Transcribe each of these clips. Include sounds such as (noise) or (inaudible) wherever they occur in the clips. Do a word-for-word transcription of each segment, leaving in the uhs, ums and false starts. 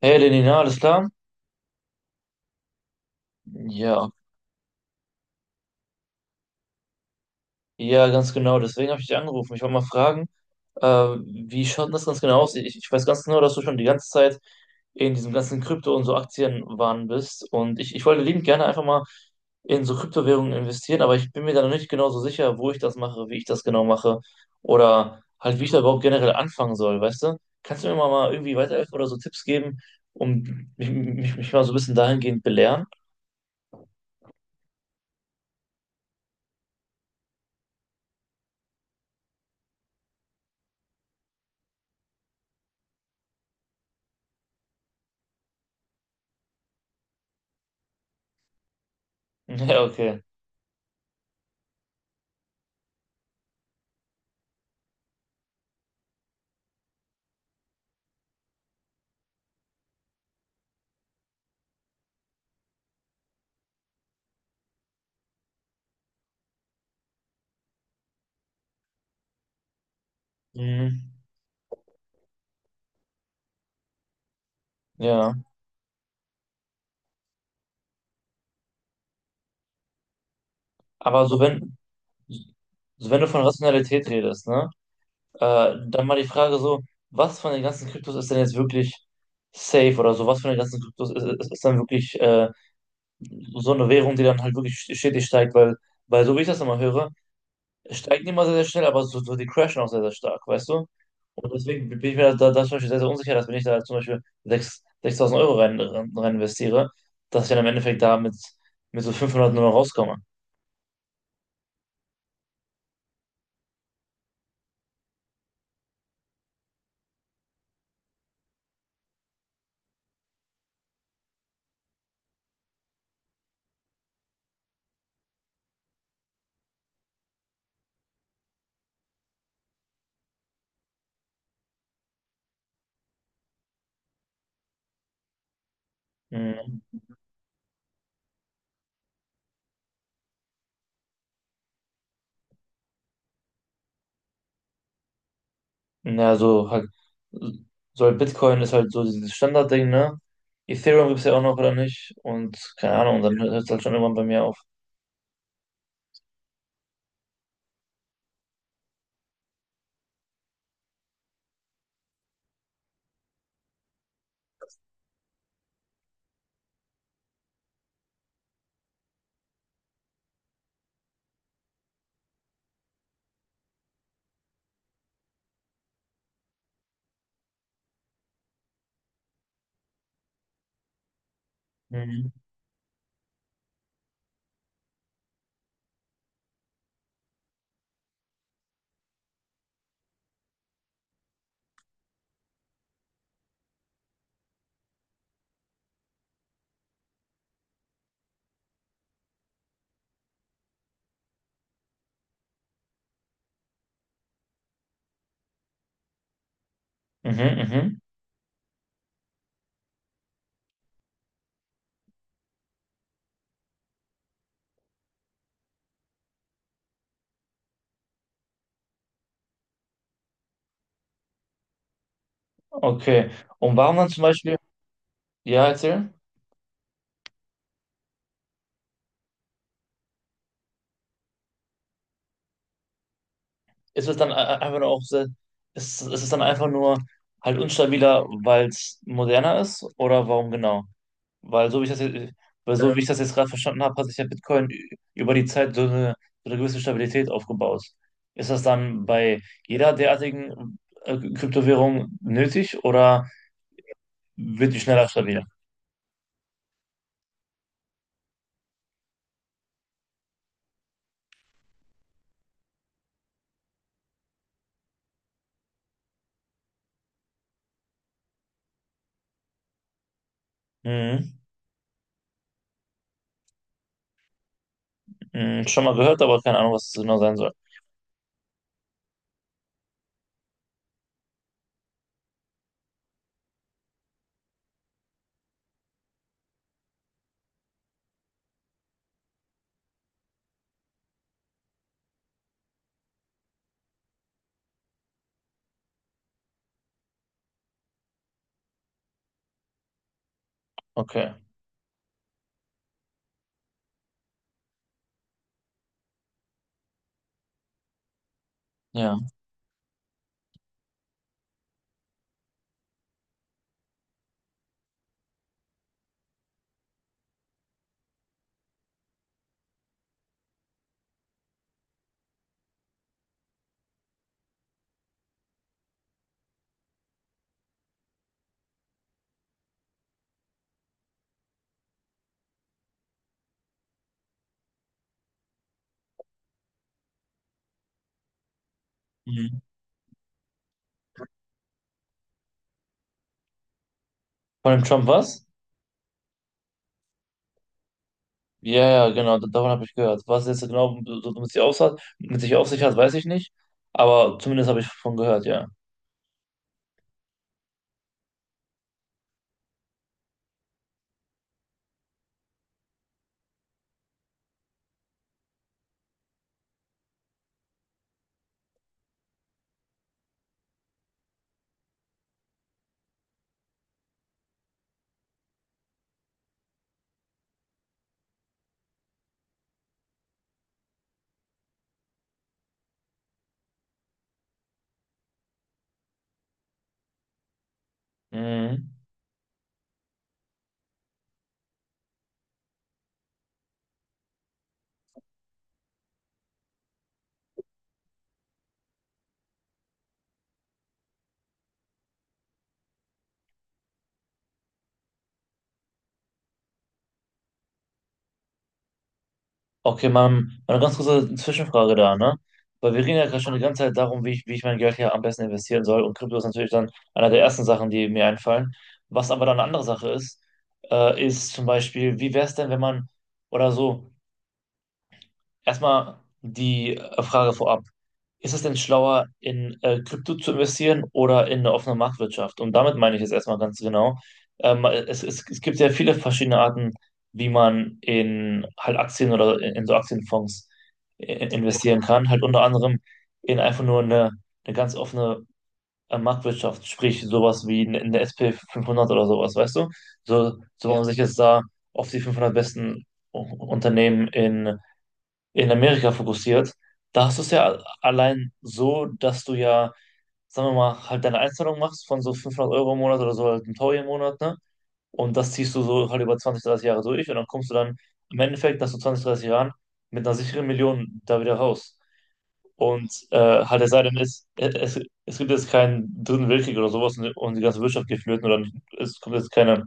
Hey Lenina, alles klar? Ja, ja, ganz genau. Deswegen habe ich dich angerufen. Ich wollte mal fragen, äh, wie schaut denn das ganz genau aus? Ich, ich weiß ganz genau, dass du schon die ganze Zeit in diesem ganzen Krypto- und so Aktienwahn bist. Und ich, ich wollte liebend gerne einfach mal in so Kryptowährungen investieren, aber ich bin mir da noch nicht genau so sicher, wo ich das mache, wie ich das genau mache oder halt, wie ich da überhaupt generell anfangen soll, weißt du? Kannst du mir mal, mal irgendwie weiterhelfen oder so Tipps geben, um mich, mich, mich mal so ein bisschen dahingehend belehren? (laughs) Ja, okay. Mhm. Ja. Aber so wenn, so wenn du von Rationalität redest, ne, äh, dann mal die Frage so, was von den ganzen Kryptos ist denn jetzt wirklich safe oder so, was von den ganzen Kryptos ist, ist, ist dann wirklich äh, so eine Währung, die dann halt wirklich stetig steigt, weil, weil so wie ich das immer höre, es steigen die immer sehr, sehr schnell, aber so, so die crashen auch sehr, sehr stark, weißt du? Und deswegen bin ich mir da, da, zum Beispiel sehr, sehr unsicher, dass wenn ich da zum Beispiel sechs sechstausend Euro rein, rein rein investiere, dass ich dann im Endeffekt da mit, mit so fünfhundert nur noch rauskomme. Hm. Ja, so halt, so halt Bitcoin ist halt so dieses Standardding, ne? Ethereum gibt es ja auch noch, oder nicht? Und keine Ahnung, dann hört es halt schon irgendwann bei mir auf. Mhm. Mhm, mhm. Okay. Und warum dann zum Beispiel, ja, erzähl, ist es dann e- einfach nur auch, sehr- ist, ist es dann einfach nur halt unstabiler, weil es moderner ist? Oder warum genau? Weil so wie ich das jetzt, weil so wie ich das jetzt gerade verstanden habe, hat sich ja Bitcoin ü- über die Zeit so eine, so eine gewisse Stabilität aufgebaut. Ist das dann bei jeder derartigen äh, Kryptowährung nötig oder wird die schneller stabil? Mhm. Mhm. Schon mal gehört, aber keine Ahnung, was es genau sein soll. Okay, ja. Mhm. Von dem Trump was? Ja, ja, genau, da- davon habe ich gehört. Was jetzt genau so so mit sich auf hat, mit sich auf sich hat, weiß ich nicht. Aber zumindest habe ich davon gehört, ja. Mhm. Okay, man, eine ganz kurze Zwischenfrage da, ne? Weil wir reden ja gerade schon die ganze Zeit darum, wie ich, wie ich mein Geld hier am besten investieren soll. Und Krypto ist natürlich dann einer der ersten Sachen, die mir einfallen. Was aber dann eine andere Sache ist, äh, ist zum Beispiel, wie wäre es denn, wenn man, oder so, erstmal die äh, Frage vorab. Ist es denn schlauer, in äh, Krypto zu investieren oder in eine offene Marktwirtschaft? Und damit meine ich es erstmal ganz genau. Ähm, es, es, es gibt sehr viele verschiedene Arten, wie man in halt Aktien oder in, in so Aktienfonds i- investieren kann. Halt unter anderem in einfach nur eine, eine ganz offene äh, Marktwirtschaft, sprich sowas wie in, in der S und p fünfhundert oder sowas, weißt du? So, so wo ja, man ja, sich jetzt da auf die fünfhundert besten U- Unternehmen in in Amerika fokussiert, da hast du es ja allein so, dass du ja, sagen wir mal, halt deine Einzahlung machst von so fünfhundert Euro im Monat oder so halt ein Taui im Monat, ne? Und das ziehst du so halt über zwanzig, dreißig Jahre durch und dann kommst du dann im Endeffekt nach so zwanzig, dreißig Jahren mit einer sicheren Million da wieder raus. Und äh, halt, es sei denn, es, es, es gibt jetzt keinen dritten Weltkrieg oder sowas und, und die ganze Wirtschaft geht flöten oder nicht, es kommt jetzt keine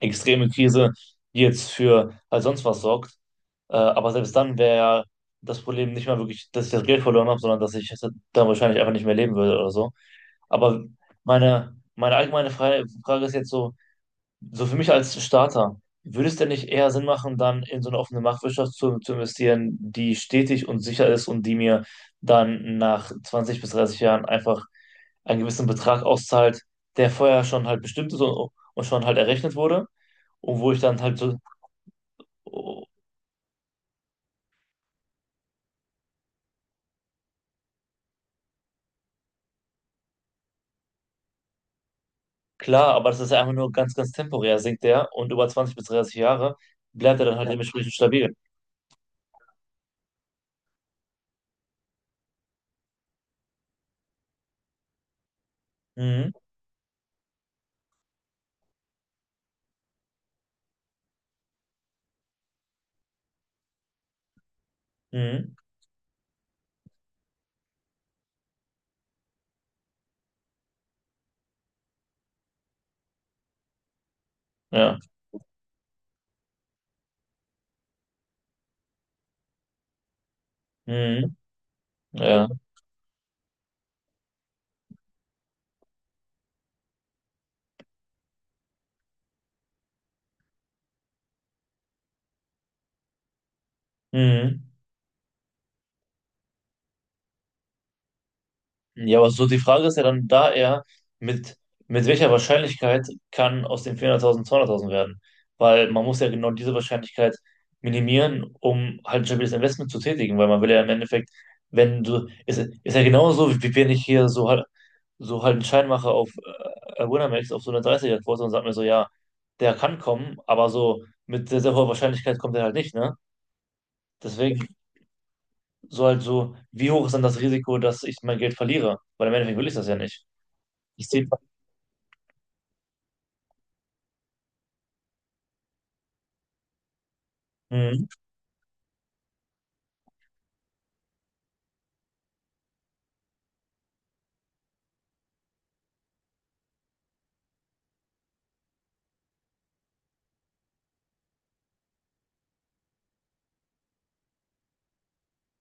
extreme Krise, die jetzt für halt sonst was sorgt, äh, aber selbst dann wäre das Problem nicht mal wirklich, dass ich das Geld verloren habe, sondern dass ich dann wahrscheinlich einfach nicht mehr leben würde oder so. Aber meine, meine allgemeine Fre- Frage ist jetzt so, so für mich als Starter, würde es denn nicht eher Sinn machen, dann in so eine offene Marktwirtschaft zu, zu investieren, die stetig und sicher ist und die mir dann nach zwanzig bis dreißig Jahren einfach einen gewissen Betrag auszahlt, der vorher schon halt bestimmt ist und, und schon halt errechnet wurde und wo ich dann halt so. Klar, aber das ist ja einfach nur ganz, ganz temporär, sinkt der, und über zwanzig bis dreißig Jahre bleibt er dann halt, ja, dementsprechend stabil. Mhm. Mhm. Ja. Mhm. Ja. Mhm. Ja, aber so die Frage ist ja dann da eher, mit, mit welcher Wahrscheinlichkeit kann aus den vierhunderttausend zweihunderttausend werden? Weil man muss ja genau diese Wahrscheinlichkeit minimieren, um halt ein stabiles Investment zu tätigen, weil man will ja im Endeffekt, wenn du, ist, ist ja genauso, wie wie wenn ich hier so halt, so halt einen Schein mache auf äh, Winamax, auf so eine dreißiger quote und sag mir so, ja, der kann kommen, aber so mit sehr, sehr hoher Wahrscheinlichkeit kommt er halt nicht, ne? Deswegen so halt so, wie hoch ist dann das Risiko, dass ich mein Geld verliere? Weil im Endeffekt will ich das ja nicht. Ich sehe. Mhm.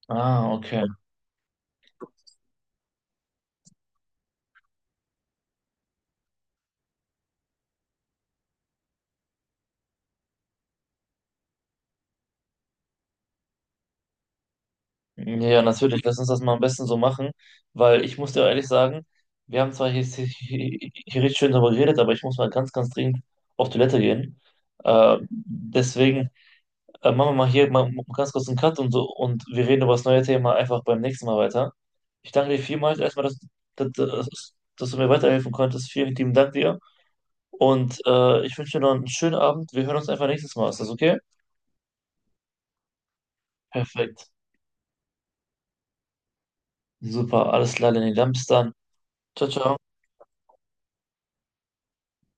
Ah, okay. Ja, natürlich. Lass uns das mal am besten so machen, weil ich muss dir ehrlich sagen, wir haben zwar hier, hier, hier richtig schön darüber geredet, aber ich muss mal ganz, ganz dringend auf Toilette gehen. Äh, deswegen äh, machen wir mal hier mal ganz kurz einen Cut und so, und wir reden über das neue Thema einfach beim nächsten Mal weiter. Ich danke dir vielmals erstmal, dass, dass, dass dass du mir weiterhelfen konntest. Vielen lieben Dank dir und äh, ich wünsche dir noch einen schönen Abend. Wir hören uns einfach nächstes Mal. Ist das okay? Perfekt. Super, alles klar, Lenny. Dann bis dann. Ciao, ciao.